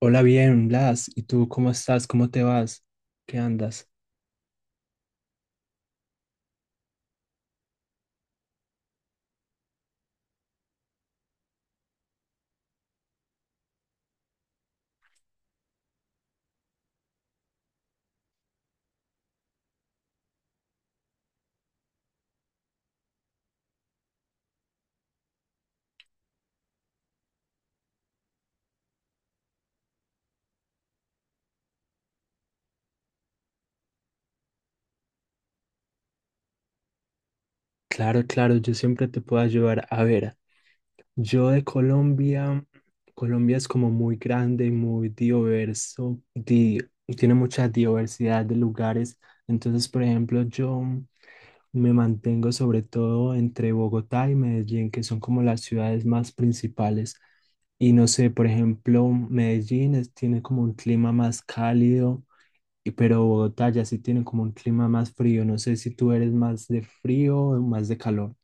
Hola, bien, Blas. ¿Y tú cómo estás? ¿Cómo te vas? ¿Qué andas? Claro, claro, yo siempre te puedo ayudar. A ver, yo de Colombia, Colombia es como muy grande y muy diverso, tiene mucha diversidad de lugares. Entonces, por ejemplo, yo me mantengo sobre todo entre Bogotá y Medellín, que son como las ciudades más principales. Y no sé, por ejemplo, tiene como un clima más cálido, y pero Bogotá ya sí tiene como un clima más frío. No sé si tú eres más de frío o más de calor.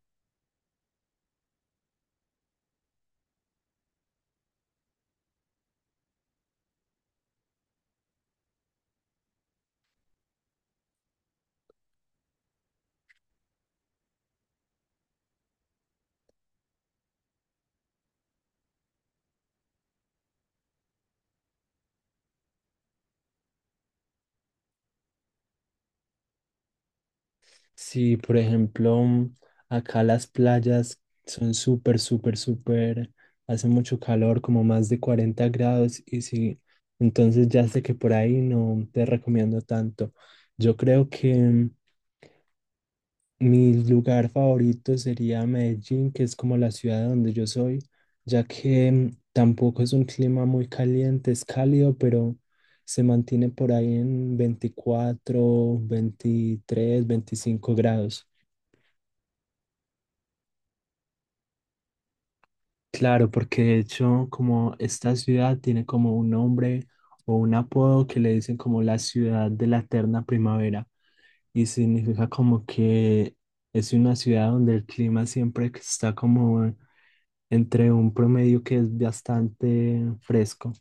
Sí, por ejemplo, acá las playas son súper, súper, súper, hace mucho calor, como más de 40 grados y sí, entonces ya sé que por ahí no te recomiendo tanto. Yo creo que mi lugar favorito sería Medellín, que es como la ciudad donde yo soy, ya que tampoco es un clima muy caliente, es cálido, pero se mantiene por ahí en 24, 23, 25 grados. Claro, porque de hecho como esta ciudad tiene como un nombre o un apodo que le dicen como la ciudad de la eterna primavera y significa como que es una ciudad donde el clima siempre que está como entre un promedio que es bastante fresco.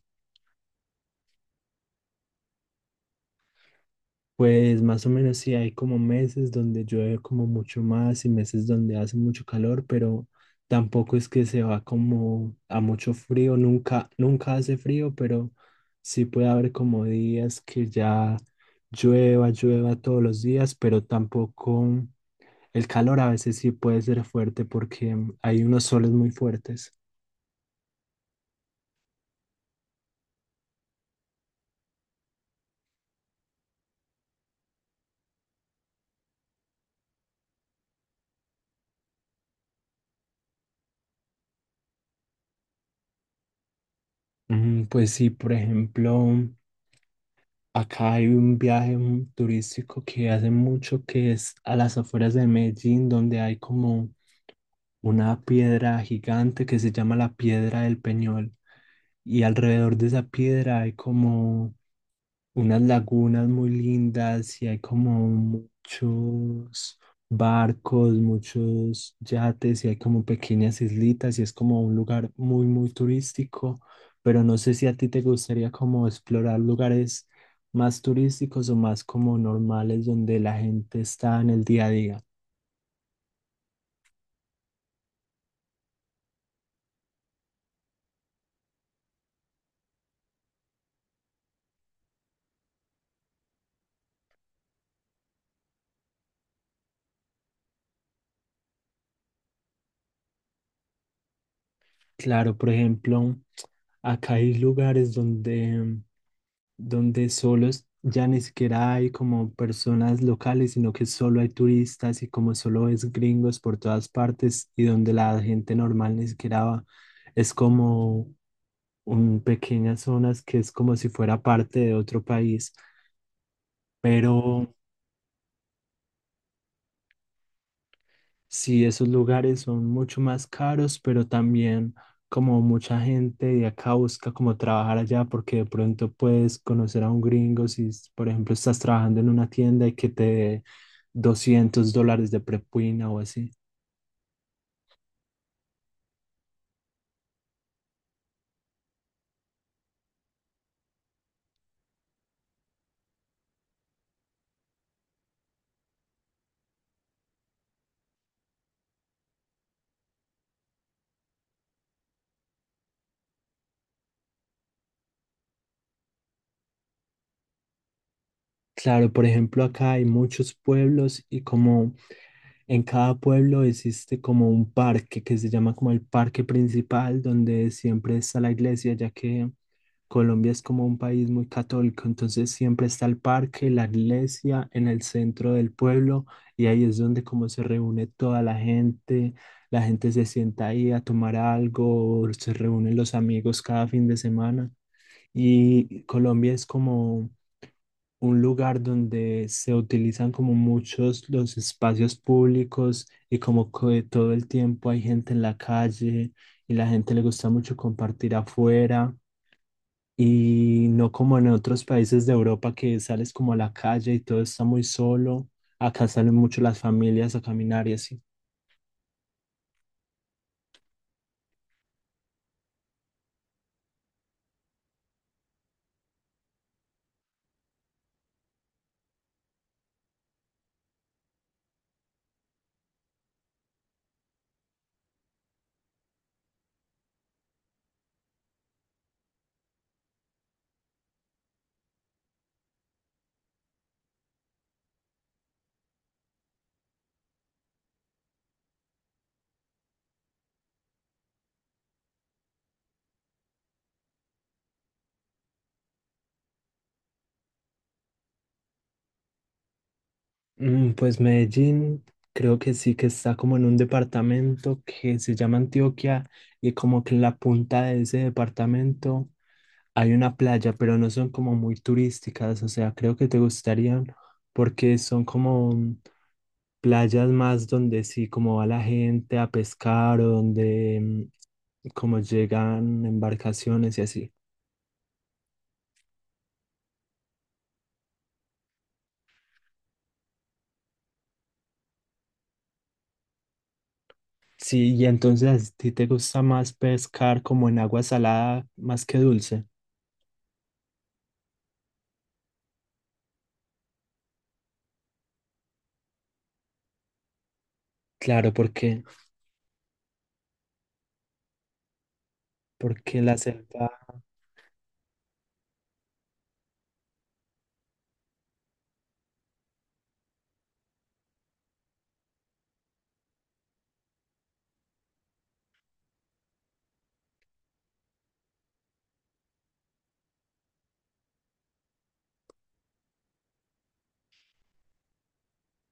Pues más o menos sí hay como meses donde llueve como mucho más y meses donde hace mucho calor, pero tampoco es que se va como a mucho frío, nunca, nunca hace frío, pero sí puede haber como días que ya llueva todos los días, pero tampoco el calor a veces sí puede ser fuerte porque hay unos soles muy fuertes. Pues sí, por ejemplo. Acá hay un viaje turístico que hace mucho que es a las afueras de Medellín, donde hay como una piedra gigante que se llama la Piedra del Peñol. Y alrededor de esa piedra hay como unas lagunas muy lindas y hay como muchos barcos, muchos yates y hay como pequeñas islitas y es como un lugar muy, muy turístico, pero no sé si a ti te gustaría como explorar lugares más turísticos o más como normales donde la gente está en el día a día. Claro, por ejemplo, acá hay lugares donde ya ni siquiera hay como personas locales, sino que solo hay turistas y como solo es gringos por todas partes y donde la gente normal ni siquiera va. Es como un, pequeñas zonas que es como si fuera parte de otro país. Pero sí, esos lugares son mucho más caros, pero también como mucha gente de acá busca como trabajar allá porque de pronto puedes conocer a un gringo si, s- por ejemplo, estás trabajando en una tienda y que te dé $200 de propina o así. Claro, por ejemplo, acá hay muchos pueblos y como en cada pueblo existe como un parque que se llama como el parque principal, donde siempre está la iglesia, ya que Colombia es como un país muy católico, entonces siempre está el parque, la iglesia en el centro del pueblo y ahí es donde como se reúne toda la gente se sienta ahí a tomar algo, se reúnen los amigos cada fin de semana y Colombia es como un lugar donde se utilizan como muchos los espacios públicos y como que todo el tiempo hay gente en la calle y la gente le gusta mucho compartir afuera y no como en otros países de Europa que sales como a la calle y todo está muy solo. Acá salen mucho las familias a caminar y así. Pues Medellín creo que sí que está como en un departamento que se llama Antioquia y como que en la punta de ese departamento hay una playa, pero no son como muy turísticas, o sea, creo que te gustarían porque son como playas más donde sí como va la gente a pescar o donde como llegan embarcaciones y así. Sí, y entonces a ti te gusta más pescar como en agua salada más que dulce. Claro, porque... Porque la selva,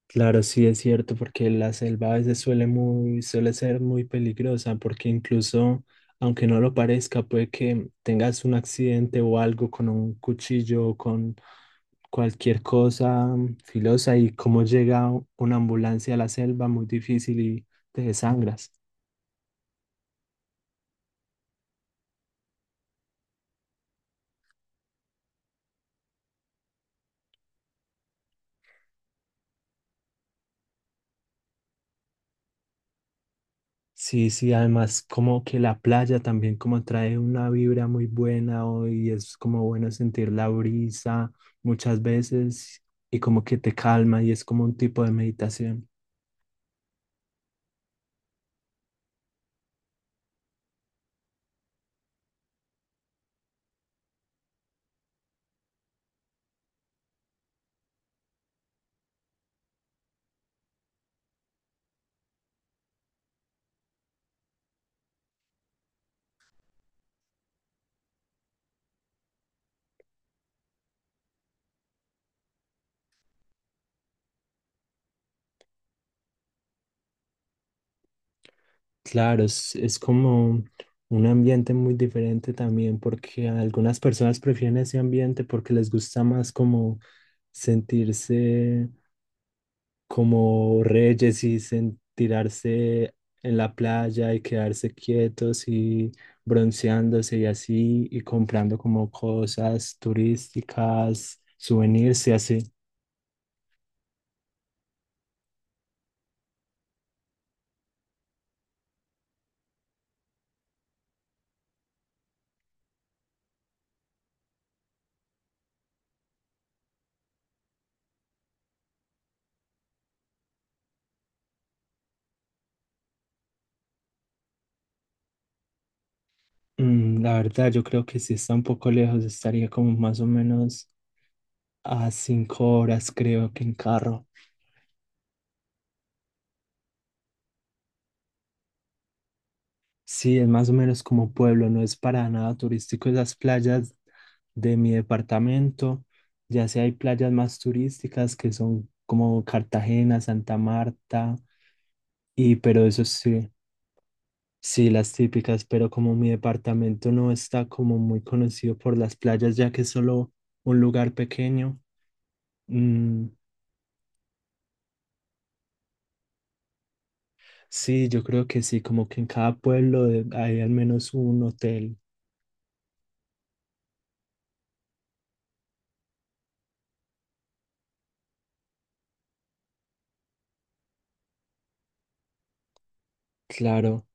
claro, sí es cierto, porque la selva a veces suele ser muy peligrosa, porque incluso, aunque no lo parezca, puede que tengas un accidente o algo con un cuchillo o con cualquier cosa filosa y como llega una ambulancia a la selva, muy difícil y te desangras. Sí, sí, además como que la playa también como trae una vibra muy buena hoy, es como bueno sentir la brisa muchas veces y como que te calma y es como un tipo de meditación. Claro, es como un ambiente muy diferente también porque algunas personas prefieren ese ambiente porque les gusta más como sentirse como reyes y tirarse en la playa y quedarse quietos y bronceándose y así y comprando como cosas turísticas, souvenirs y así. La verdad, yo creo que sí está un poco lejos, estaría como más o menos a 5 horas, creo que en carro. Sí, es más o menos como pueblo, no es para nada turístico esas playas de mi departamento. Ya sí hay playas más turísticas que son como Cartagena, Santa Marta, y pero eso sí, sí, las típicas, pero como mi departamento no está como muy conocido por las playas, ya que es solo un lugar pequeño. mm, sí, yo creo que sí, como que en cada pueblo hay al menos un hotel, claro.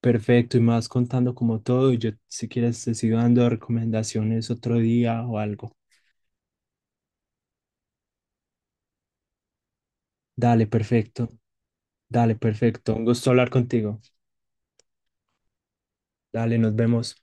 Perfecto, y más contando como todo, y yo si quieres te sigo dando recomendaciones otro día o algo. Dale, perfecto, dale, perfecto. Un gusto hablar contigo. Dale, nos vemos.